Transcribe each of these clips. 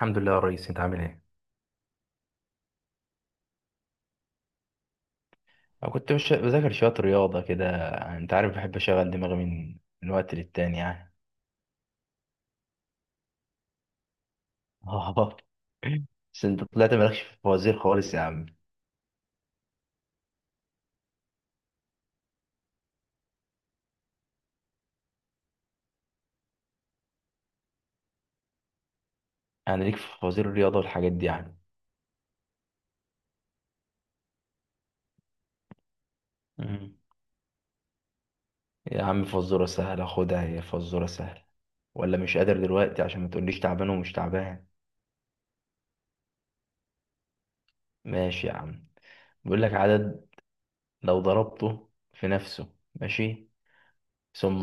الحمد لله يا ريس، انت عامل ايه؟ أنا كنت مش بذاكر شوية رياضة كده، يعني أنت عارف بحب أشغل دماغي من وقت للتاني يعني. آه، بس أنت طلعت مالكش في الفوازير خالص يا عم. يعني ليك في فوازير الرياضة والحاجات دي يعني. مم. يا عم فزورة سهلة خدها، هي فزورة سهلة، ولا مش قادر دلوقتي عشان ما تقوليش تعبان ومش تعبان. ماشي يا عم. بيقول لك عدد لو ضربته في نفسه، ماشي، ثم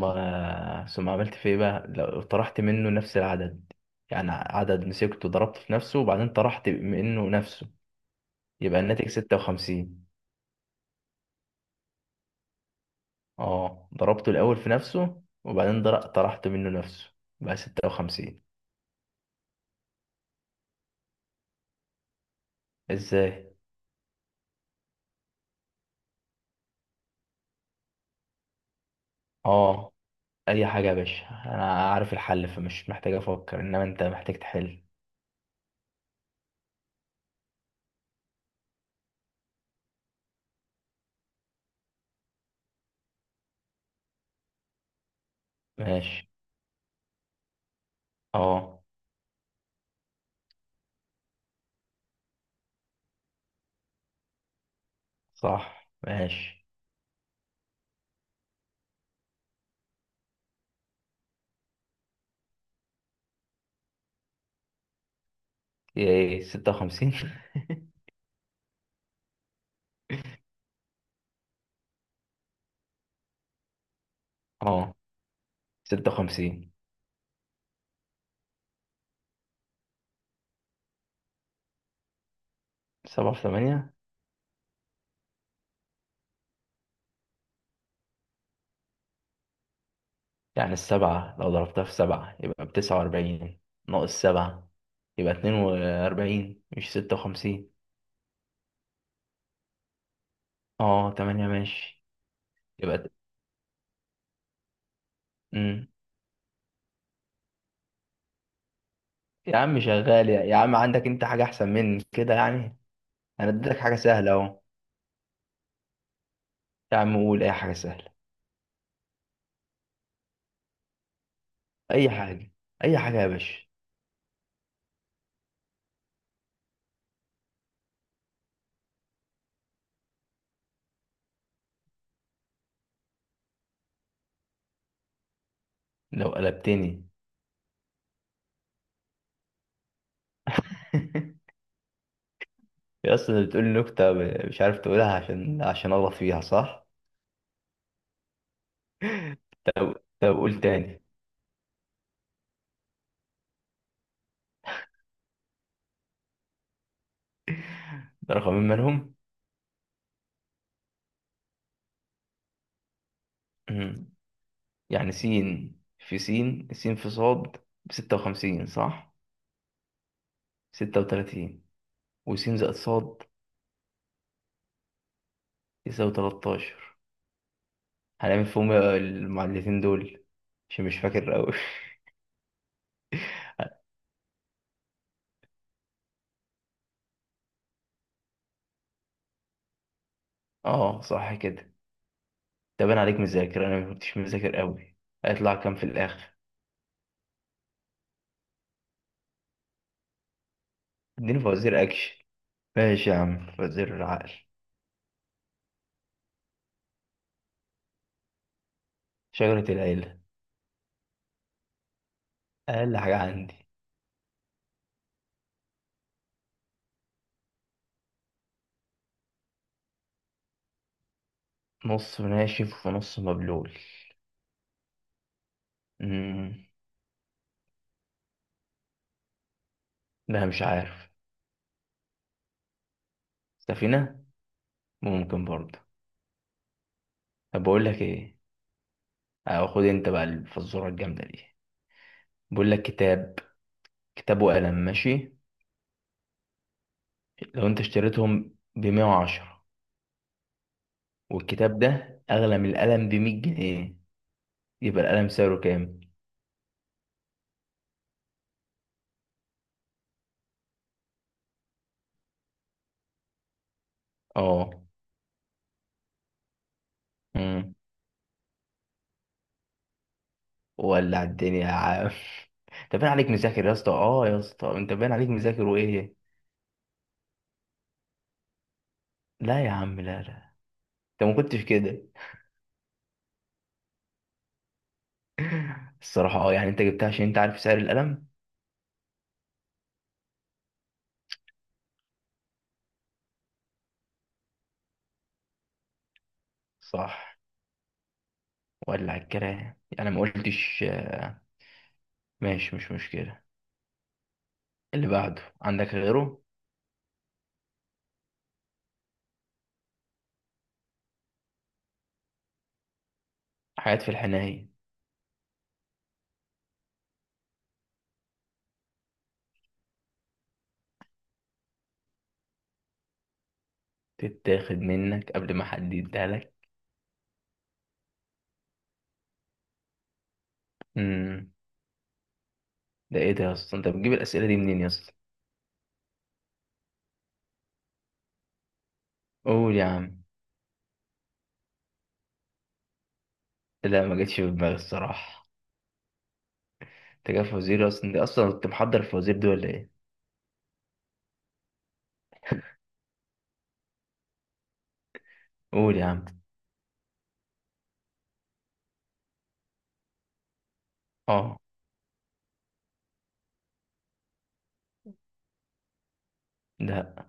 ثم عملت في ايه بقى لو طرحت منه نفس العدد. يعني عدد مسكته ضربته في نفسه وبعدين طرحت منه نفسه، يبقى الناتج 56. اه، ضربته الاول في نفسه وبعدين طرحت منه نفسه بقى 56. ازاي؟ اه، اي حاجه يا باشا، انا عارف الحل فمش محتاج افكر، انما انت محتاج تحل. ماشي. اه صح، ماشي. ايه 56. اه 56. سبعة في 8. يعني السبعة لو ضربتها في سبعة يبقى بـ49، ناقص سبعة يبقى 42، مش 56. اه تمانية، ماشي. يبقى، امم، يا عم شغال، يا عم عندك انت حاجة أحسن من كده يعني؟ أنا اديتك حاجة سهلة أهو. يا عم قول أي حاجة سهلة، أي حاجة، أي حاجة يا باشا. لو قلبتني. يا أصلا بتقول نكتة مش عارف تقولها عشان أغلط فيها صح؟ طب طب قول تاني. ده رقمين مالهم؟ يعني سين في سين، سين في صاد بـ56 صح. 36، وسين زائد صاد يساوي 13. هنعمل فيهم المعادلتين دول، عشان مش فاكر أوي. اه صح كده. طب أنا عليك مذاكر، أنا مكنتش مذاكر أوي. هيطلع كام في الآخر؟ اديني فوازير أكشن. ماشي يا عم فوازير العقل. شجرة العيلة. أقل حاجة عندي. نص ناشف ونص مبلول، امم، لا مش عارف. سفينة. ممكن برضه. طب بقول لك ايه، أو خد انت بقى الفزورة الجامدة دي. بيقول لك كتاب، كتاب وقلم، ماشي. لو انت اشتريتهم بـ110، والكتاب ده أغلى من القلم بـ100 جنيه، يبقى القلم سعره كام؟ اه. مم. ولع الدنيا يا عم. انت باين عليك مذاكر يا اسطى، اه يا اسطى، انت باين عليك مذاكر وايه؟ لا يا عم، لا لا، انت ما كنتش كده. الصراحة اه، يعني انت جبتها عشان انت عارف سعر القلم. صح. ولع الكلام، يعني ما قلتش. ماشي، مش مشكلة. اللي بعده عندك غيره. حاجات في الحناية. تتاخد منك قبل ما حد يديها لك. امم. ده ايه ده يا اسطى، انت بتجيب الأسئلة دي منين يا اسطى؟ قول يا عم. لا ما جتش في دماغي الصراحة. انت جاي فوازير اصلا، انت اصلا كنت محضر الفوازير دي ولا ايه؟ قول يا عم. اه. ده.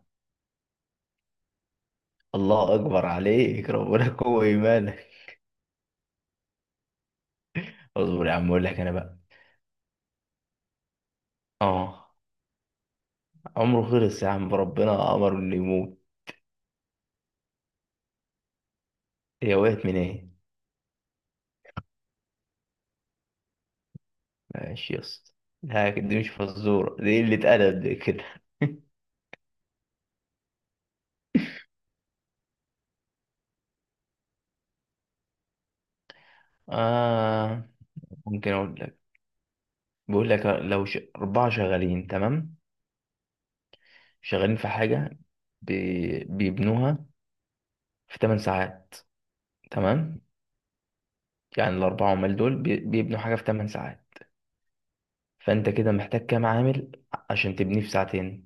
الله اكبر عليك، ربنا قوة ايمانك. اصبر يا عم اقول لك انا بقى. اه، عمره خلص يا عم، ربنا امر انه يموت. هي وقعت من ايه؟ ماشي يا اسطى. لا دي مش فزورة، دي قلة أدب دي كده. آه. ممكن أقول. بيقول لك لو أربعة شغالين، تمام، شغالين في حاجة بيبنوها في 8 ساعات، تمام. يعني الأربعة عمال دول بيبنوا حاجة في 8 ساعات. فأنت كده محتاج كام عامل عشان تبنيه في ساعتين؟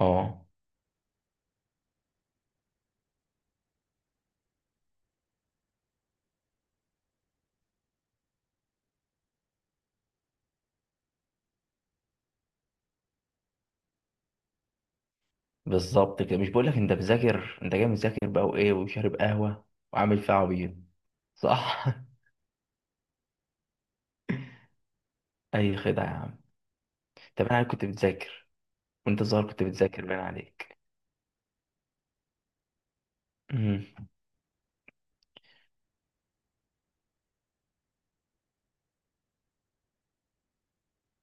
اه بالظبط كده، مش بقول لك أنت مذاكر، أنت جاي مذاكر بقى وإيه، وشارب قهوة، وعامل فيها عبيط؟ صح. أي خدعة يا عم. طب أنا كنت بتذاكر، وأنت صغير كنت بتذاكر باين عليك. مم.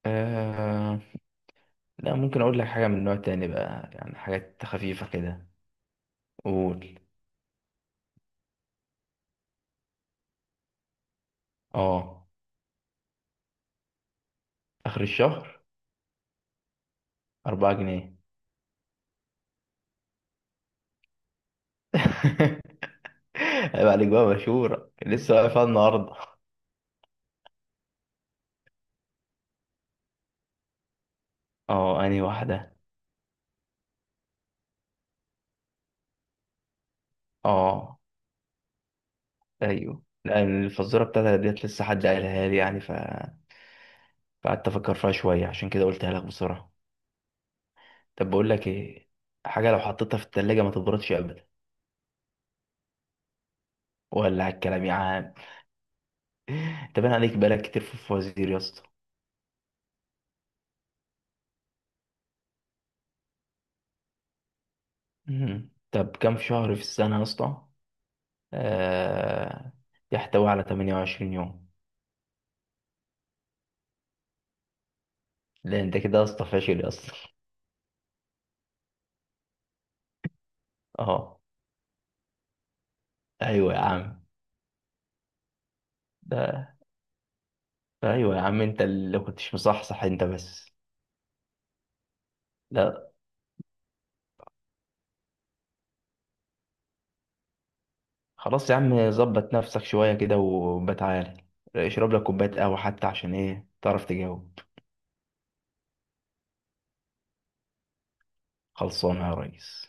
آه. لا ممكن اقول لك حاجه من نوع تاني بقى، يعني حاجات خفيفه كده. قول. اه. اخر الشهر 4 جنيه. عيب عليك بقى، مشهوره لسه واقفه النهارده. اه انهي واحده؟ اه، ايوه لان الفزوره بتاعتها ديت لسه حد قالها لي، يعني فقعدت افكر فيها شويه عشان كده قلتها لك بسرعه. طب بقول لك ايه. حاجه لو حطيتها في التلاجة ما تبردش ابدا. ولا على الكلام يا عم، انت باين عليك بقالك كتير في الفوازير يا اسطى. مم. طب كام شهر في السنه يا اسطى؟ آه. يحتوي على 28 يوم. لأن أنت كده يا اسطى فاشل يا اسطى. أه. أيوه يا عم. ده. أيوه يا عم، أنت اللي كنتش مصحصح أنت بس. لا. خلاص يا عم، ظبط نفسك شوية كده، وبتعالى اشرب لك كوباية قهوة حتى، عشان إيه تعرف تجاوب. خلصانة يا ريس.